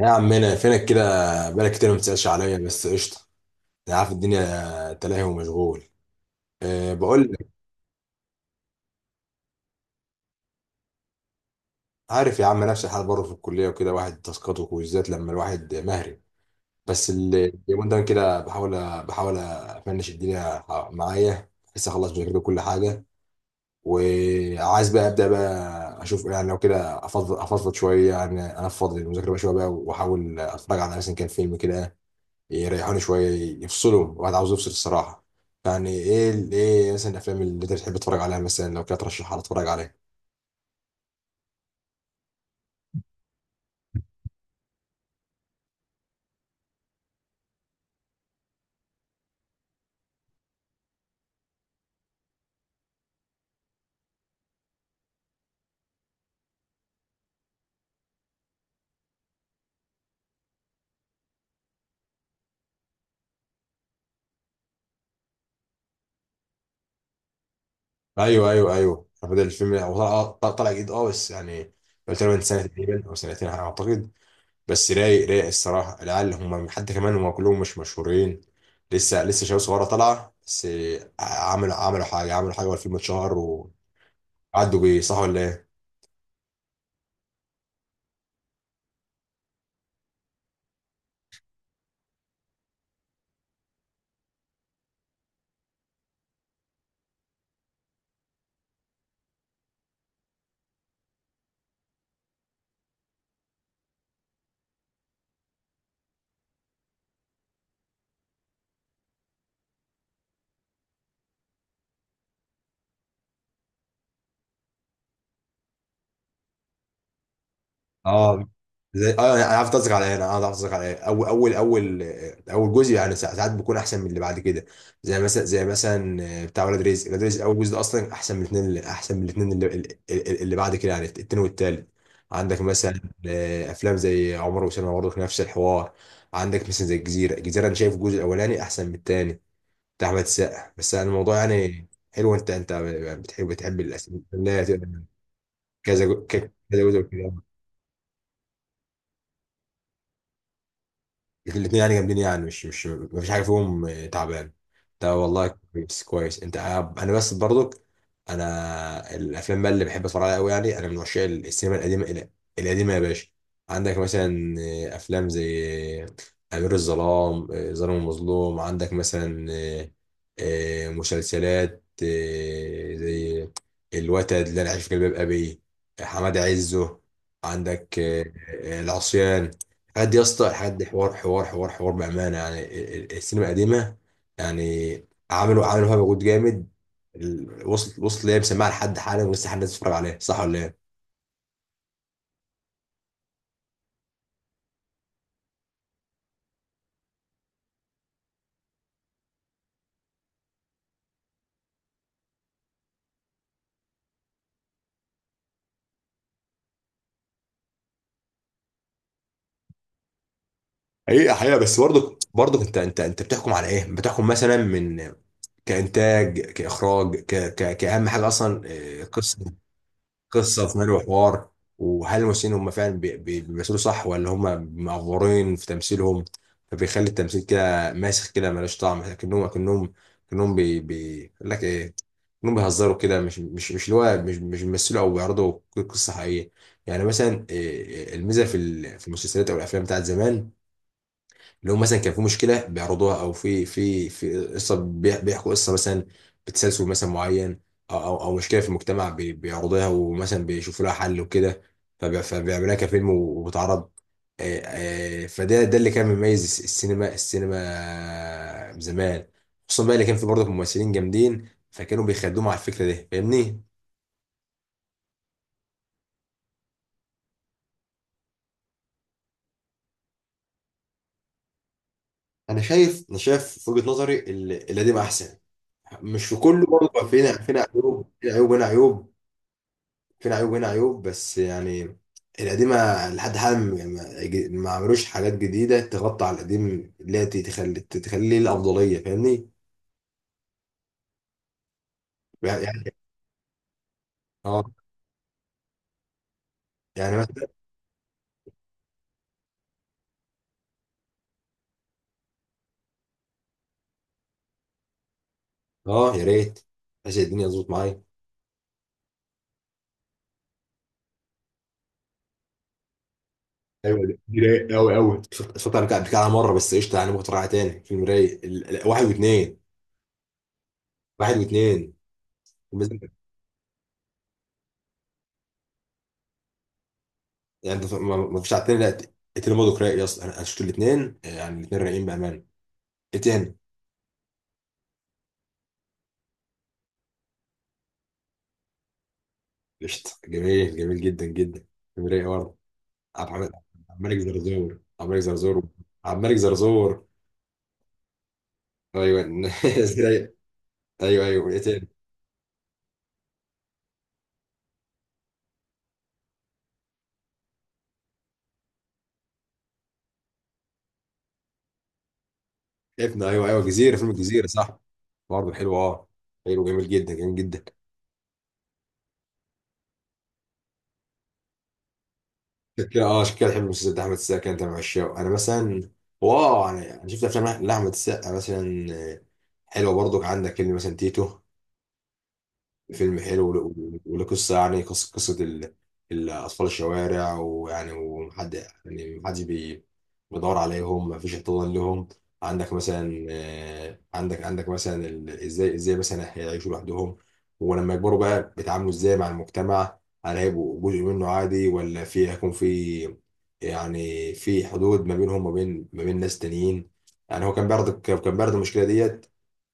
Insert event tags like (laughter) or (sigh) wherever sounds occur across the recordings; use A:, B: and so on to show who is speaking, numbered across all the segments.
A: يا عمنا فينك كده، بقالك كتير ما بتسألش عليا بس قشطة. أنا عارف الدنيا تلاهي ومشغول. أه بقول لك، عارف يا عم نفس الحال برضه في الكلية وكده واحد تاسكات وكويزات لما الواحد مهري. بس اليومين ده كده بحاول، أفنش الدنيا معايا بحيث أخلص بذاكر كل حاجة. وعايز بقى أبدأ بقى أشوف يعني لو كده أفضل أفضفض شوية، يعني أنفض المذاكرة بقى شوية بقى وأحاول أتفرج على مثلا كان فيلم كده يريحوني شويه، يفصلوا الواحد عاوز يفصل الصراحه. يعني ايه مثلا الافلام اللي انت بتحب تتفرج عليها، مثلا لو كده ترشحها لي اتفرج عليها. ايوه، بدل الفيلم هو طلع جديد، اه بس يعني قلت له من سنه تقريبا او سنتين على ما اعتقد. بس رايق الصراحه، العيال هم حتى كمان هم كلهم مش مشهورين، لسه شباب صغيره طالعه، بس عملوا حاجه، عملوا حاجه والفيلم اتشهر وعدوا بيه، صح ولا ايه؟ اه زي اه، يعني انا عارف قصدك على ايه. اول اول جزء يعني ساعات بيكون احسن من اللي بعد كده. زي مثلا بتاع ولاد رزق، اول جزء ده اصلا احسن من الاثنين، اللي، اللي بعد كده يعني التاني والتالت. عندك مثلا افلام زي عمر وسلمى، برضه نفس الحوار. عندك مثلا زي الجزيره، انا شايف الجزء الاولاني احسن من الثاني، بتاع احمد السقا. بس أنا الموضوع يعني حلو، انت انت بتحب الاسئله، كذا جزء وكده. الاثنين يعني جامدين، يعني مش مش ما فيش حاجه فيهم تعبان، ده والله. كويس انت، انا بس برضك. انا الافلام بقى اللي بحب اتفرج عليها قوي، يعني انا من عشاق القديمه يا باشا. عندك مثلا افلام زي امير الظلام، ظالم المظلوم. عندك مثلا مسلسلات زي الوتد، اللي انا عايش في جلباب ابي، حماد عزه. عندك العصيان، قد يا اسطى، لحد حوار بامانه. يعني السينما القديمه يعني عملوا فيها مجهود جامد وصلت ليه مسمعها لحد حالا، ولسه حد الناس بتتفرج عليها، صح ولا ايه؟ حقيقة حقيقة بس برضك، انت بتحكم على ايه؟ بتحكم مثلا من كانتاج، كاخراج، ك ك كاهم حاجه اصلا قصه، قصه في ملء وحوار. وهل الممثلين هم فعلا بيمثلوا، صح ولا هم معفورين في تمثيلهم فبيخلي التمثيل كده ماسخ كده ملوش طعم، كأنهم بي بي يقول لك ايه كأنهم بيهزروا كده، مش مش مش اللي هو مش مش بيمثلوا او بيعرضوا قصه حقيقيه. يعني مثلا الميزه في المسلسلات او الافلام بتاعت زمان، لو مثلا كان في مشكله بيعرضوها، او في قصه بيحكوا قصه مثلا بتسلسل مثلا معين، او او أو مشكله في المجتمع بيعرضوها ومثلا بيشوفوا لها حل وكده، فبيعملوها كفيلم وبتعرض. آه، فده ده اللي كان مميز السينما زمان، خصوصا بقى اللي كان في برضه ممثلين جامدين فكانوا بيخدموا على الفكره دي، فاهمني؟ انا شايف في وجهه نظري القديم احسن. مش في كله برضه، فينا عيوب، هنا عيوب، فين عيوب هنا عيوب. بس يعني القديمة لحد حالا يعني ما ما عملوش حاجات جديدة تغطي على القديم اللي هي تخليه الأفضلية، فاهمني؟ يعني يعني اه. يعني مثلا اه. يا ريت، عشان الدنيا تظبط معايا. ايوه، دي رايق قوي قوي، صوت انا قبل كده مره، بس قشطه يعني ممكن تراجع تاني. فيلم رايق واحد واثنين، واحد واثنين. المز- يعني انت ما فيش على التاني؟ لا التاني برضه رايق يا اسطى، أنا شفت الاثنين، يعني الاثنين رايقين بامان. ايه تاني؟ قشطه، جميل جميل جدا جدا، فيلم رايق برضه. عبد الملك عبد الملك زرزور عبد الملك زرزور. ايوه (laughs) ازاي؟ ايوه ايوه، ايه تاني؟ ابن، ايوه ايوه، جزيره، فيلم الجزيره، صح، برضه حلو اه، حلو جميل جدا جميل جدا. عشان كده اه، عشان كده بحب المسلسل ده، احمد السقا انت من عشاقه. انا مثلا واو، انا شفت افلام لاحمد السقا مثلا آه، حلوه برضه. عندك فيلم مثلا تيتو، فيلم حلو وله قصة، يعني قصة ال- الأطفال الشوارع، ويعني ومحد يعني محدش بيدور عليهم، مفيش احتضان لهم. عندك مثلا عندك مثلا ازاي مثلا هيعيشوا لوحدهم، ولما يكبروا بقى بيتعاملوا ازاي مع المجتمع، هل هيبقوا جزء منه عادي ولا هيكون في يعني في حدود ما بينهم وما بين ما بين ناس تانيين. يعني هو كان بيعرض المشكلة ديت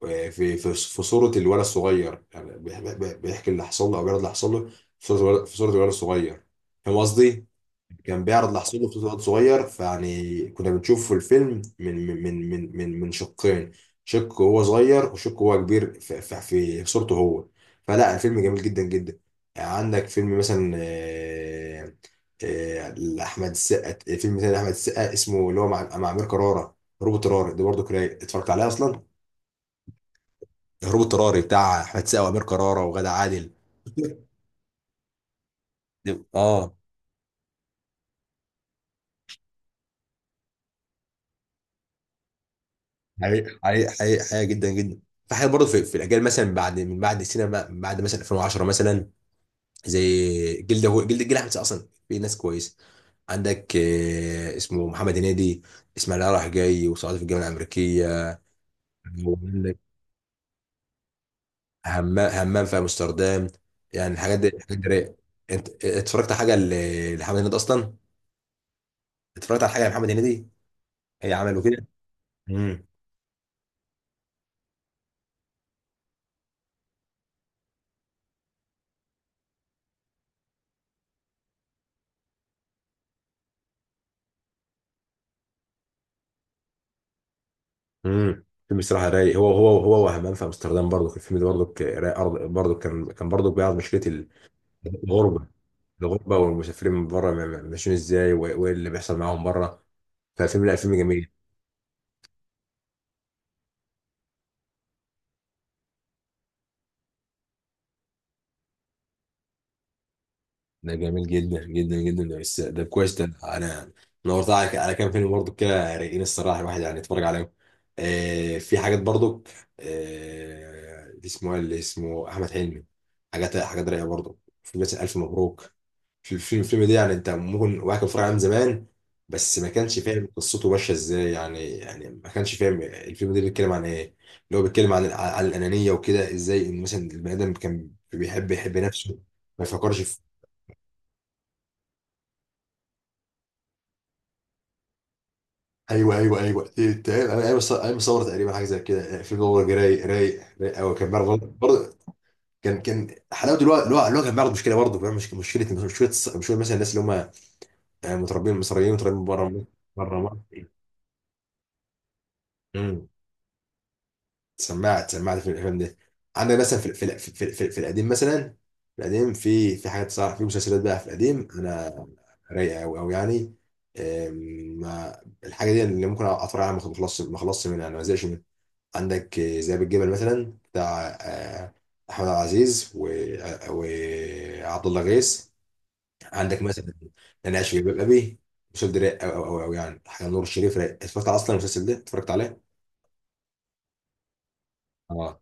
A: في صورة الولد الصغير، يعني بيحكي اللي حصل له أو بيعرض اللي حصل له في صورة الولد، في صورة الولد الصغير، فاهم قصدي؟ كان بيعرض اللي حصل له في صورة الولد الصغير، فيعني كنا بنشوف في الفيلم من شقين، شق هو صغير وشق هو كبير، في، في صورته هو. فلا الفيلم جميل جدا جدا. يعني عندك فيلم مثلا لأحمد السقا، فيلم تاني لأحمد السقا اسمه اللي هو مع أمير كرارة، روبوت رارة دي برضه، كرايك اتفرجت عليها أصلا؟ هروب اضطراري، بتاع احمد سقا وامير كرارة وغادة عادل. اه. حقيقة جدا جدا. في حاجات برضه في، الاجيال مثلا من بعد السينما، من بعد مثلا 2010 مثلا، زي جلد، هو جلد احمد سقا. اصلا في ناس كويسه عندك اسمه محمد هنيدي، اسماعيل رايح جاي، وصعيدي في الجامعه الامريكيه. وعندك همام في امستردام، يعني الحاجات دي رايقه. انت اتفرجت على حاجه لمحمد هنيدي اصلا؟ اتفرجت على حاجه لمحمد هنيدي؟ هي عمله كده. مم. امم، فيلم الصراحه رايق، هو. وهمان في امستردام برضو، في الفيلم ده برضو برضو كان برضو بيعرض مشكله الغربه، والمسافرين من بره ماشيين ازاي، وايه اللي بيحصل معاهم بره. فالفيلم لا، فيلم جميل. ده جميل جدا جدا جدا، بس ده كويس. ده انا نورت على كام فيلم برضو كده رايقين الصراحه، الواحد يعني يتفرج عليهم. آه، في حاجات برضو آه، اللي اسمه إيه، اللي اسمه احمد حلمي، حاجات رايقه برضو، في مثلا الف مبروك. في الفيلم، ده يعني انت ممكن واحد كان فرع من زمان، بس ما كانش فاهم قصته ماشيه ازاي، يعني يعني ما كانش فاهم الفيلم ده بيتكلم عن ايه. اللي هو بيتكلم عن الانانيه وكده، ازاي ان مثلا البني ادم كان بيحب يحب نفسه ما يفكرش. ايوه تقريبا، انا ايوه صور، ايوه صور تقريبا حاجه زي كده في جوجل. رايق قوي، كان بيعرف برضه، كان حلاوه، الوقت كان بيعرض مشكله برضه، فاهم؟ مش مشكله، مشكله مثلا الناس اللي هم متربيين، مصريين متربيين بره، بره مصر. امم. سمعت، سمعت في الافلام دي. عندك مثلا في القديم مثلا، في القديم في في حاجات صار، في مسلسلات بقى في القديم، انا رايقه قوي قوي يعني. أم، الحاجه دي اللي ممكن اتفرج عليها ما خلصش، ما خلصش منها، انا ما زهقش منها. عندك زي بالجبل مثلا، بتاع احمد عبد العزيز وعبد الله غيث. عندك مثلا انا عايش في جلباب ابي، المسلسل ده رايق او، يعني حاجه نور الشريف رايق. اتفرجت على اصلا المسلسل ده، اتفرجت عليه؟ اه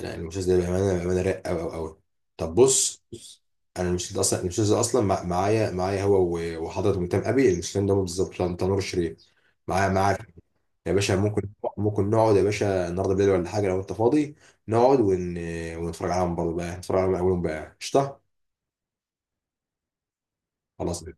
A: لا، المسلسل ده بامانه، بامانه رايق او. طب بص، انا المسلسل ده اصلا، المسلسل ده اصلا معايا هو وحضرة ميتام ابي، المسلسلين ده بالظبط بتاع نور الشريف، معايا. يا باشا ممكن، ممكن نقعد يا باشا النهارده بالليل ولا حاجه لو انت فاضي؟ نقعد ون... ونتفرج عليهم برضه بقى، نتفرج عليهم من اولهم بقى، قشطه. خلاص.